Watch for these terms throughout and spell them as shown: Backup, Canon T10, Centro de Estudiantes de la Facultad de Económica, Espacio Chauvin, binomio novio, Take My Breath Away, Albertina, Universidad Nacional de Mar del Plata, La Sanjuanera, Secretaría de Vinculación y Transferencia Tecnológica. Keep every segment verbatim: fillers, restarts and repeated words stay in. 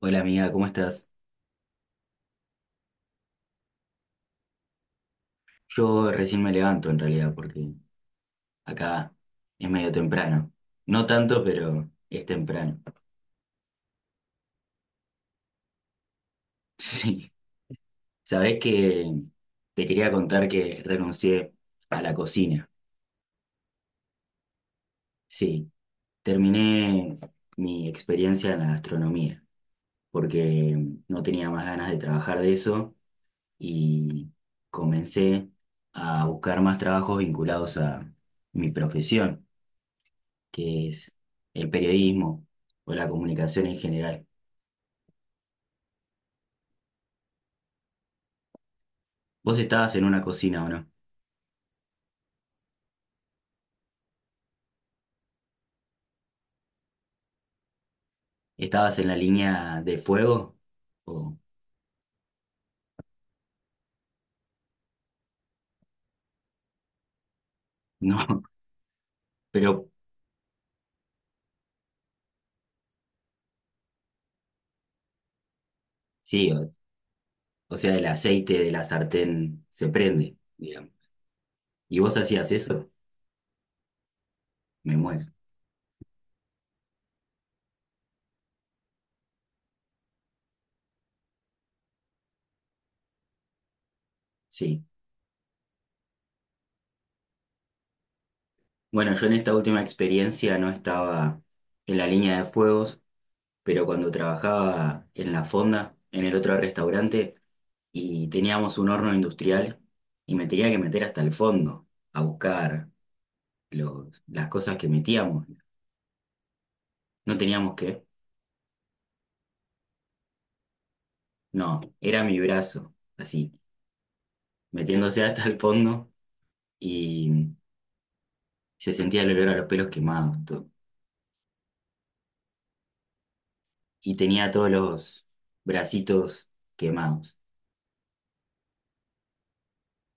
Hola amiga, ¿cómo estás? Yo recién me levanto en realidad porque acá es medio temprano. No tanto, pero es temprano. Sí. Sabés que te quería contar que renuncié a la cocina. Sí, terminé mi experiencia en la gastronomía porque no tenía más ganas de trabajar de eso y comencé a buscar más trabajos vinculados a mi profesión, que es el periodismo o la comunicación en general. ¿Vos estabas en una cocina o no? ¿Estabas en la línea de fuego o no? Pero sí, o, o sea, el aceite de la sartén se prende, digamos. ¿Y vos hacías eso? Me muero. Sí. Bueno, yo en esta última experiencia no estaba en la línea de fuego, pero cuando trabajaba en la fonda, en el otro restaurante, y teníamos un horno industrial, y me tenía que meter hasta el fondo a buscar los, las cosas que metíamos. No teníamos que, no, era mi brazo, así, metiéndose hasta el fondo, y se sentía el olor a los pelos quemados, todo. Y tenía todos los bracitos quemados.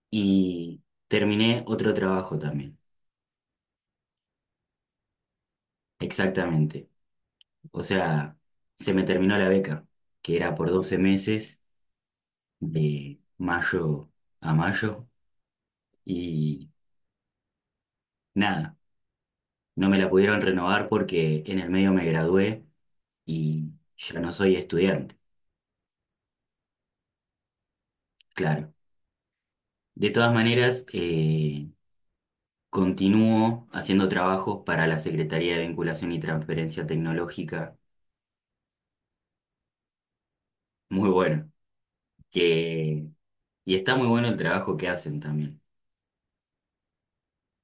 Y terminé otro trabajo también, exactamente. O sea, se me terminó la beca, que era por doce meses, de mayo a mayo, y nada, no me la pudieron renovar porque en el medio me gradué y ya no soy estudiante, claro. De todas maneras, eh, continúo haciendo trabajos para la Secretaría de Vinculación y Transferencia Tecnológica, muy bueno, que, y está muy bueno el trabajo que hacen también.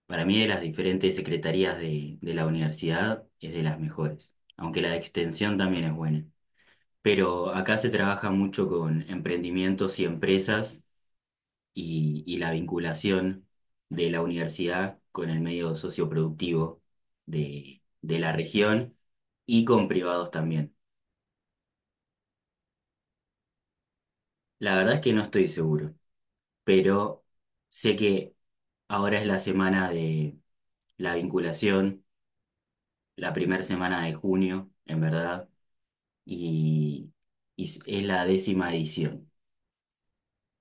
Para mí de las diferentes secretarías de, de la universidad es de las mejores, aunque la de extensión también es buena. Pero acá se trabaja mucho con emprendimientos y empresas y, y la vinculación de la universidad con el medio socioproductivo de, de la región y con privados también. La verdad es que no estoy seguro, pero sé que ahora es la semana de la vinculación, la primera semana de junio, en verdad y, y s- es la décima edición.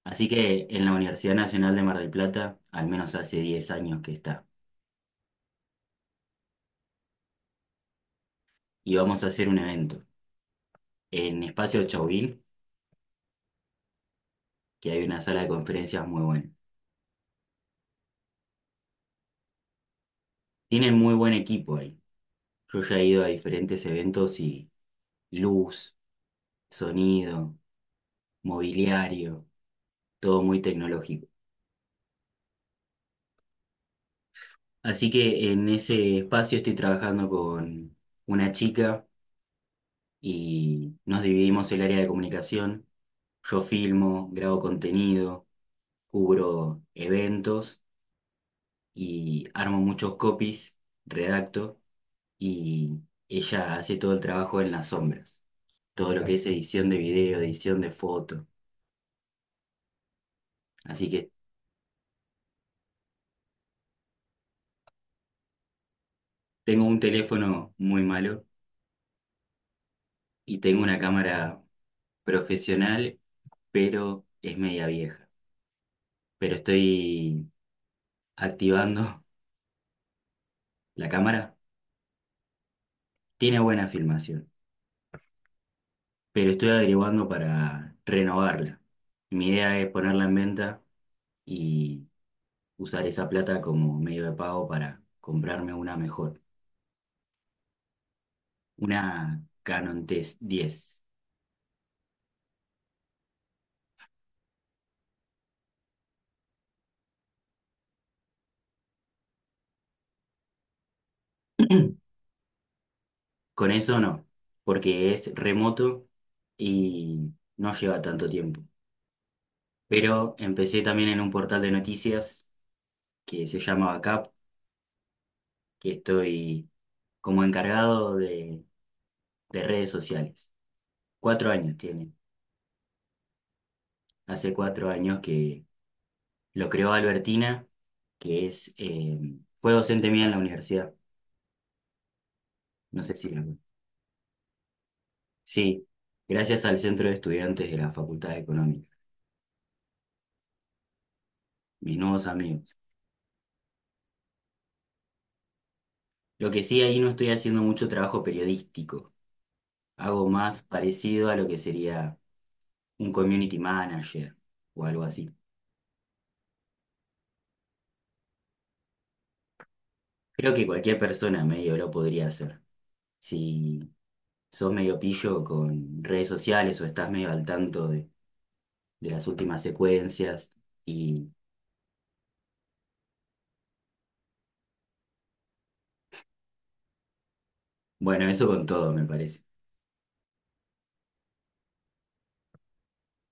Así que en la Universidad Nacional de Mar del Plata, al menos hace diez años que está. Y vamos a hacer un evento en Espacio Chauvin, que hay una sala de conferencias muy buena. Tienen muy buen equipo ahí. Yo ya he ido a diferentes eventos y luz, sonido, mobiliario, todo muy tecnológico. Así que en ese espacio estoy trabajando con una chica y nos dividimos el área de comunicación. Yo filmo, grabo contenido, cubro eventos y armo muchos copies, redacto y ella hace todo el trabajo en las sombras, todo lo que Claro. es edición de video, edición de foto. Así que tengo un teléfono muy malo y tengo una cámara profesional, pero es media vieja. Pero estoy activando la cámara. Tiene buena filmación, pero estoy averiguando para renovarla. Mi idea es ponerla en venta y usar esa plata como medio de pago para comprarme una mejor, una Canon T diez. Con eso no, porque es remoto y no lleva tanto tiempo. Pero empecé también en un portal de noticias que se llama Backup, que estoy como encargado de, de redes sociales. Cuatro años tiene. Hace cuatro años que Lo creó Albertina, que es, eh, fue docente mía en la universidad. No sé si la... Sí, gracias al Centro de Estudiantes de la Facultad de Económica, mis nuevos amigos. Lo que sí, ahí no estoy haciendo mucho trabajo periodístico. Hago más parecido a lo que sería un community manager o algo así. Creo que cualquier persona medio lo podría hacer. Si sos medio pillo con redes sociales o estás medio al tanto de, de las últimas secuencias y bueno, eso con todo, me parece.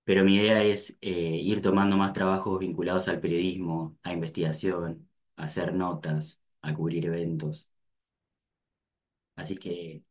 Pero mi idea es eh, ir tomando más trabajos vinculados al periodismo, a investigación, a hacer notas, a cubrir eventos. Así que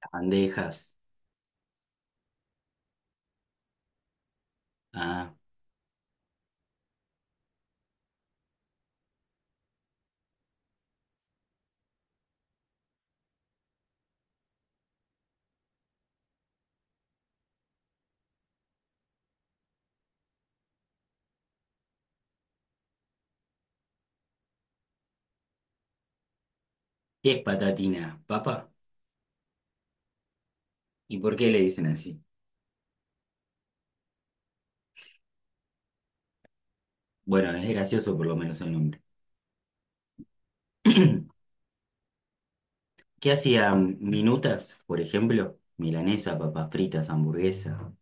las bandejas. Ah, ¿qué es patatina? ¿Papa? ¿Y por qué le dicen así? Bueno, es gracioso por lo menos el nombre. ¿Qué hacían minutas, por ejemplo? Milanesa, papas fritas, hamburguesa.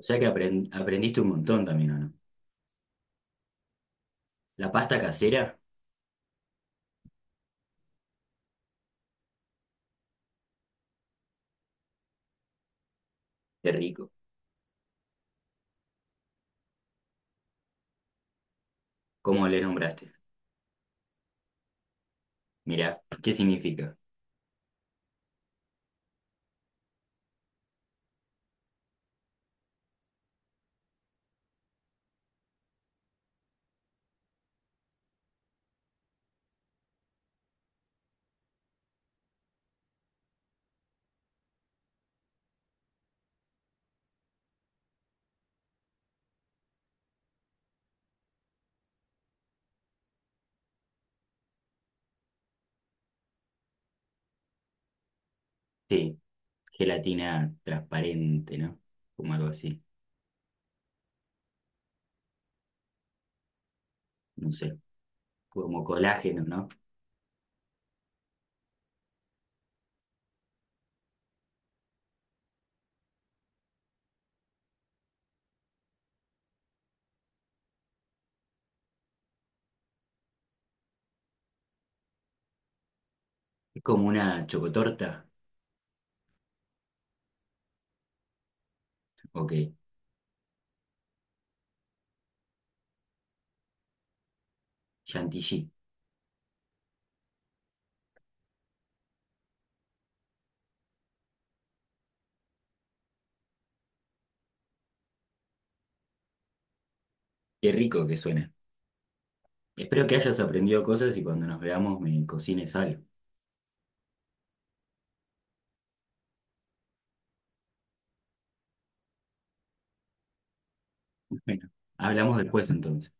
O sea que apren- aprendiste un montón también, ¿o no? La pasta casera, qué rico. ¿Cómo le nombraste? Mirá, ¿qué significa? Sí, gelatina transparente, ¿no? Como algo así, no sé, como colágeno, ¿no? Es como una chocotorta, ok, chantilly. Qué rico que suena. Espero que hayas aprendido cosas y cuando nos veamos me cocines algo. Bueno, hablamos después entonces.